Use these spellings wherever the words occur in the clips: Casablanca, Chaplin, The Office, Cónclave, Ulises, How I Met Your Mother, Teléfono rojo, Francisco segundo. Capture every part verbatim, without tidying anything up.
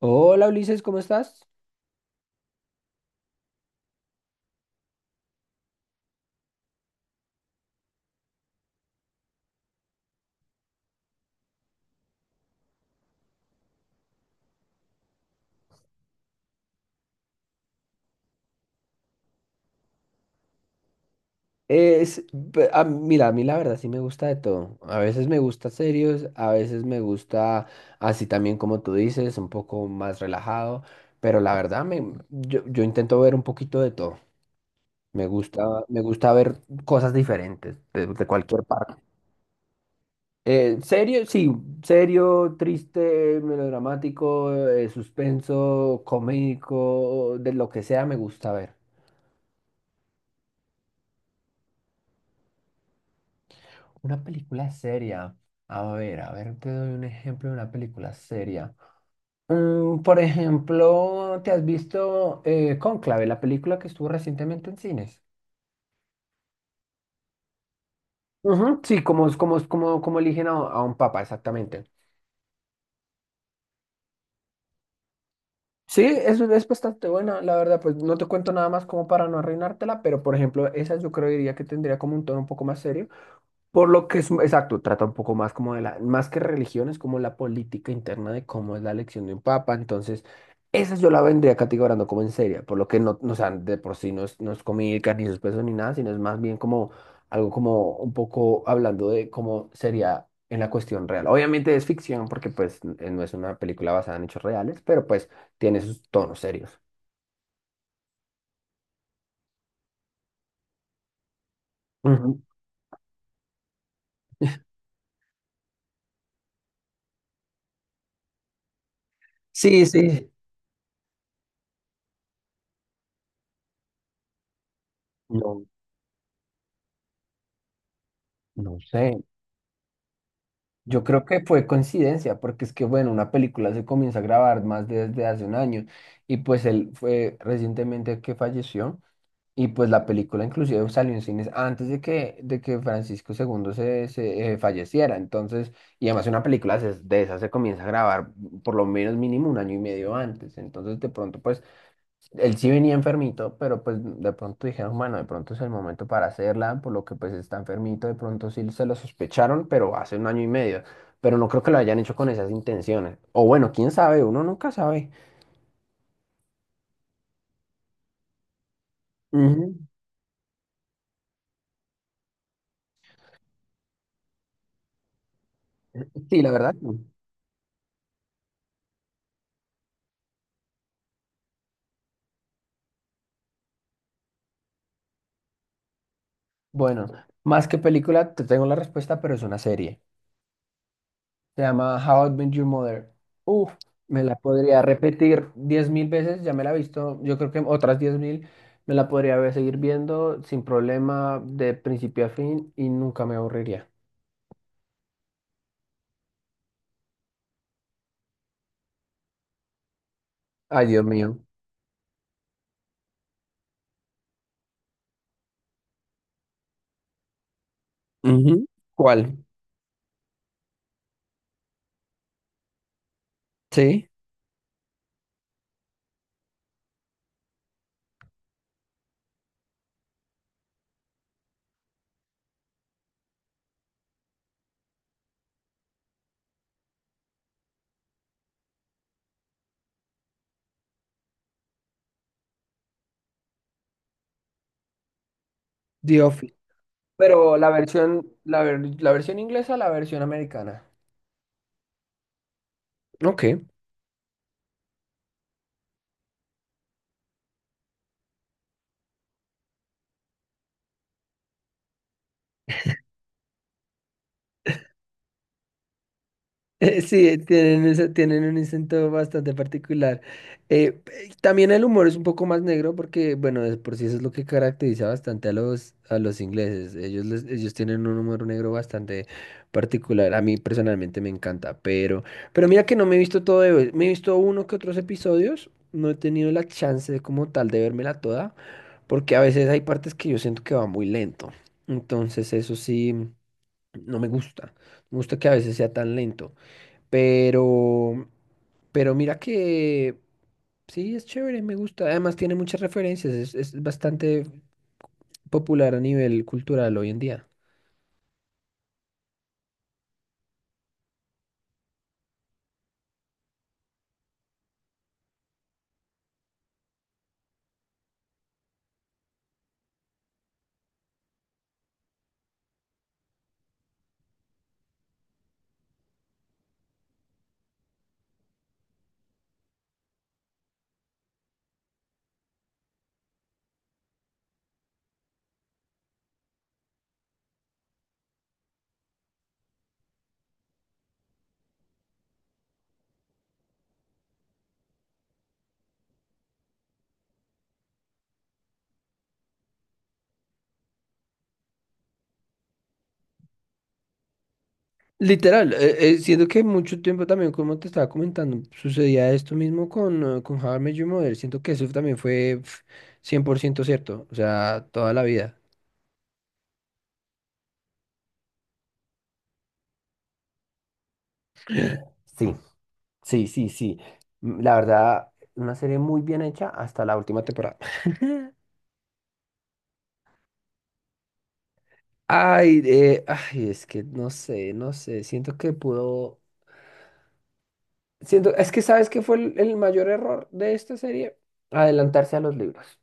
Hola Ulises, ¿cómo estás? Es, pe- a- Mira, a mí la verdad sí me gusta de todo. A veces me gusta serios, a veces me gusta así también como tú dices, un poco más relajado, pero la verdad me, yo, yo intento ver un poquito de todo. Me gusta, me gusta ver cosas diferentes de, de cualquier parte. Eh, serio, sí, serio, triste, melodramático, eh, suspenso, comédico, de lo que sea me gusta ver. Una película seria. A ver, a ver, te doy un ejemplo de una película seria. Mm, por ejemplo, ¿te has visto eh, Cónclave, la película que estuvo recientemente en cines? Ujú. Sí, como, es- como, es- como, como eligen a, a un papa, exactamente. Sí, es, es bastante buena, la verdad, pues no te cuento nada más como para no arruinártela, pero por ejemplo, esa yo creo diría que tendría como un tono un poco más serio. Por lo que es, exacto, trata un poco más como de la, más que religión, es como la política interna de cómo es la elección de un papa. Entonces, esa yo la vendría categorizando como en seria, por lo que no, no, o sea, de por sí no es, no es, cómica, ni suspenso, ni nada, sino es más bien como algo como un poco hablando de cómo sería en la cuestión real. Obviamente es ficción porque pues n- no es una película basada en hechos reales, pero pues tiene sus tonos serios. Ujú. Sí, sí. No, no sé. Yo creo que fue coincidencia, porque es que, bueno, una película se comienza a grabar más desde hace un año y pues él fue recientemente que falleció y pues la película inclusive salió en cines antes de que, de que Francisco segundo se, se, eh, falleciera. Entonces, y además una película se- de esa se comienza a grabar por lo menos mínimo un año y medio antes. Entonces, de pronto, pues él sí venía enfermito, pero pues de pronto dijeron, bueno, de pronto es el momento para hacerla, por lo que pues está enfermito, de pronto sí se lo sospecharon, pero hace un año y medio, pero no creo que lo hayan hecho con esas intenciones. O bueno, quién sabe, uno nunca sabe. Ujú. Sí, la verdad. No. Bueno, más que película, te tengo la respuesta, pero es una serie. Se llama How I Met Your Mother. Uf, me la podría repetir diez mil veces, ya me la he visto, yo creo que otras diez mil, me la podría ver- seguir viendo sin problema de principio a fin y nunca me aburriría. Ay, Dios mío. Ujú. ¿Cuál? Sí, The Office. Pero la versión, la, ver- la versión inglesa, la versión americana. Ok. Sí, tienen, ese- tienen un acento bastante particular. Eh, eh, también el humor es un poco más negro porque, bueno, de por sí eso es lo que caracteriza bastante a los, a los ingleses. Ellos, les- ellos tienen un humor negro bastante particular. A mí personalmente me encanta, pero, pero mira que no me he visto todo de- hoy. Me he visto uno que otros episodios. No he tenido la chance de, como tal de vérmela toda porque a veces hay partes que yo siento que va muy lento. Entonces eso sí, no me gusta. Me gusta que a veces sea tan lento. Pero, pero mira que sí, es chévere, me gusta. Además tiene muchas referencias, es, es bastante popular a nivel cultural hoy en día. Literal, eh, eh, siento que mucho tiempo también, como te estaba comentando, sucedía esto mismo con, eh, con How I Met Your Mother. Siento que eso también fue pf, cien por ciento cierto, o sea, toda la vida. Sí, sí, sí, sí. Mm, La verdad, una serie muy bien hecha hasta la última temporada. Ay, eh, ay, es que no sé, no sé, siento que pudo, siento, es que ¿sabes qué fue el, el mayor error de esta serie? Adelantarse a los libros,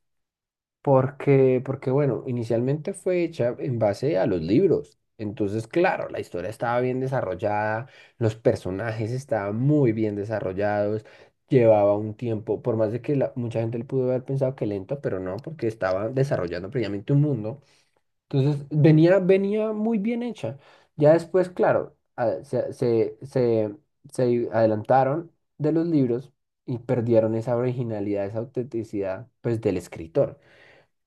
porque, porque bueno, inicialmente fue hecha en base a los libros, entonces claro, la historia estaba bien desarrollada, los personajes estaban muy bien desarrollados, llevaba un tiempo, por más de que la- mucha gente le pudo haber pensado que lento, pero no, porque estaba desarrollando previamente un mundo. Entonces, venía, venía muy bien hecha. Ya después, claro, a- se, se, se, se adelantaron de los libros y perdieron esa originalidad, esa autenticidad, pues, del escritor.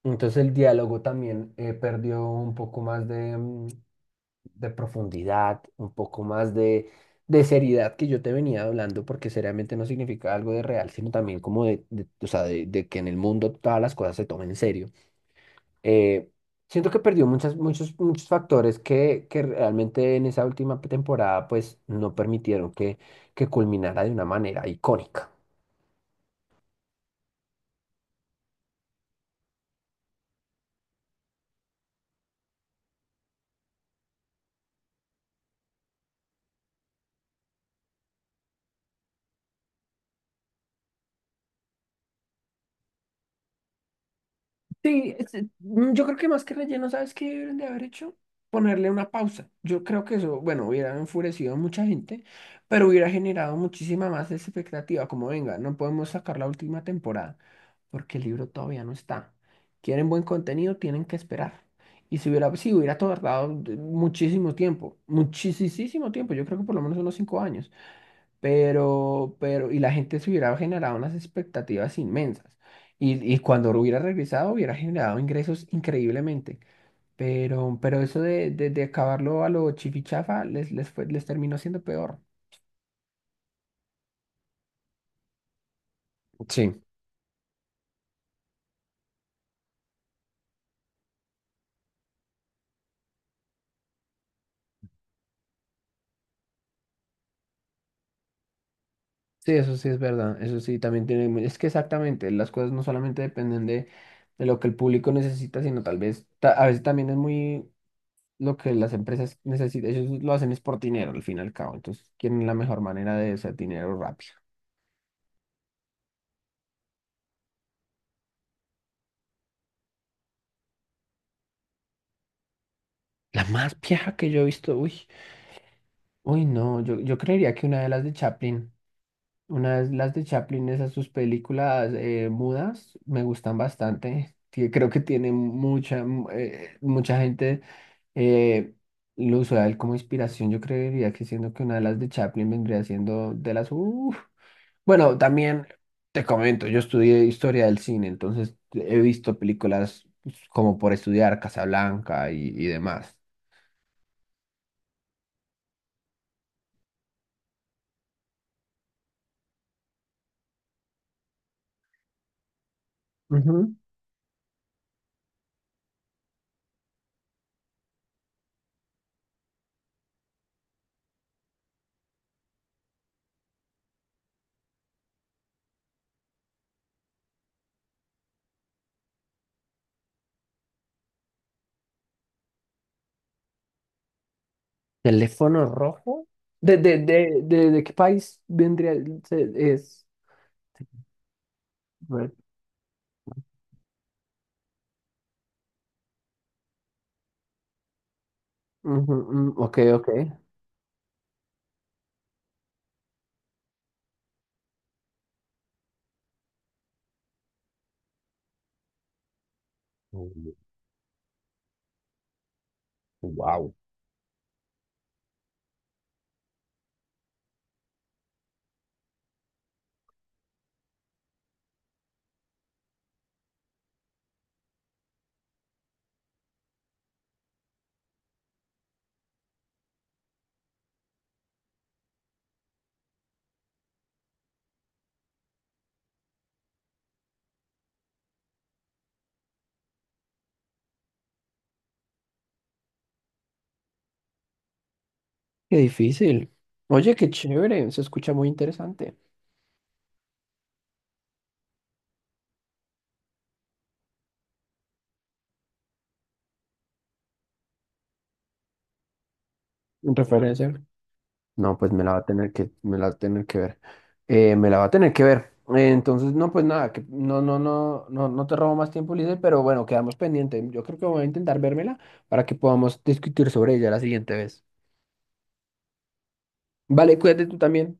Entonces, el diálogo también eh, perdió un poco más de, mm, de profundidad, un poco más de, de seriedad que yo te venía hablando, porque seriamente no significa algo de real, sino también como de, de- o sea, de de que en el mundo todas las cosas se tomen en serio. Eh, Siento que perdió muchas, muchos, muchos factores que, que realmente en esa última temporada pues no permitieron que, que culminara de una manera icónica. Sí, este, mm, yo creo que más que relleno, ¿sabes qué deberían de haber hecho? Ponerle una pausa. Yo creo que eso, bueno, hubiera enfurecido a mucha gente, pero hubiera generado muchísima más expectativa. Como venga, no podemos sacar la última temporada porque el libro todavía no está. Quieren buen contenido, tienen que esperar. Y si hubiera, sí, hubiera tardado de- muchísimo tiempo, muchísimo tiempo. Yo creo que por lo menos unos cinco años pero, pero, y la gente se hubiera generado unas expectativas inmensas. Y, y cuando hubiera regresado, hubiera generado ingresos increíblemente. Pero, pero eso de, de, de acabarlo a lo chifichafa les, les fue, les terminó siendo peor. Sí, sí, eso sí es verdad. Eso sí también tiene. mu- Es que exactamente, las cosas no solamente dependen de, de lo que el público necesita, sino tal vez, ta- a veces también es muy lo que las empresas necesitan. Ellos lo hacen es por dinero, al fin y al cabo. Entonces quieren la mejor manera de hacer dinero rápido. La más vieja que yo he visto, uy, uy, no, yo, yo creería que una de las de Chaplin, una de las de Chaplin, esas sus películas eh, mudas, me gustan bastante. Tie- creo que tiene mucha, mm, eh, mucha gente eh, lo usa a él como inspiración. Yo creería que siendo que una de las de Chaplin vendría siendo de las, uf. Bueno, también te comento, yo estudié historia del cine, entonces he visto películas pues, como por estudiar Casablanca y, y demás. ¿Teléfono rojo? ¿De, de, de, de, de qué país vendría? el- se- Es. Red. Ujú, mm, ok, ok. Wow. Qué difícil. Oye, qué chévere. Se escucha muy interesante. En referencia. No, pues me la va a tener que, me la va a tener que ver. Eh, me la va a tener que ver. Eh, entonces, no, pues nada, que no, no, no, no, no te robo más tiempo, Lice, pero bueno, quedamos pendientes. Yo creo que voy a intentar vérmela para que podamos discutir sobre ella la siguiente vez. Vale, cuídate tú también.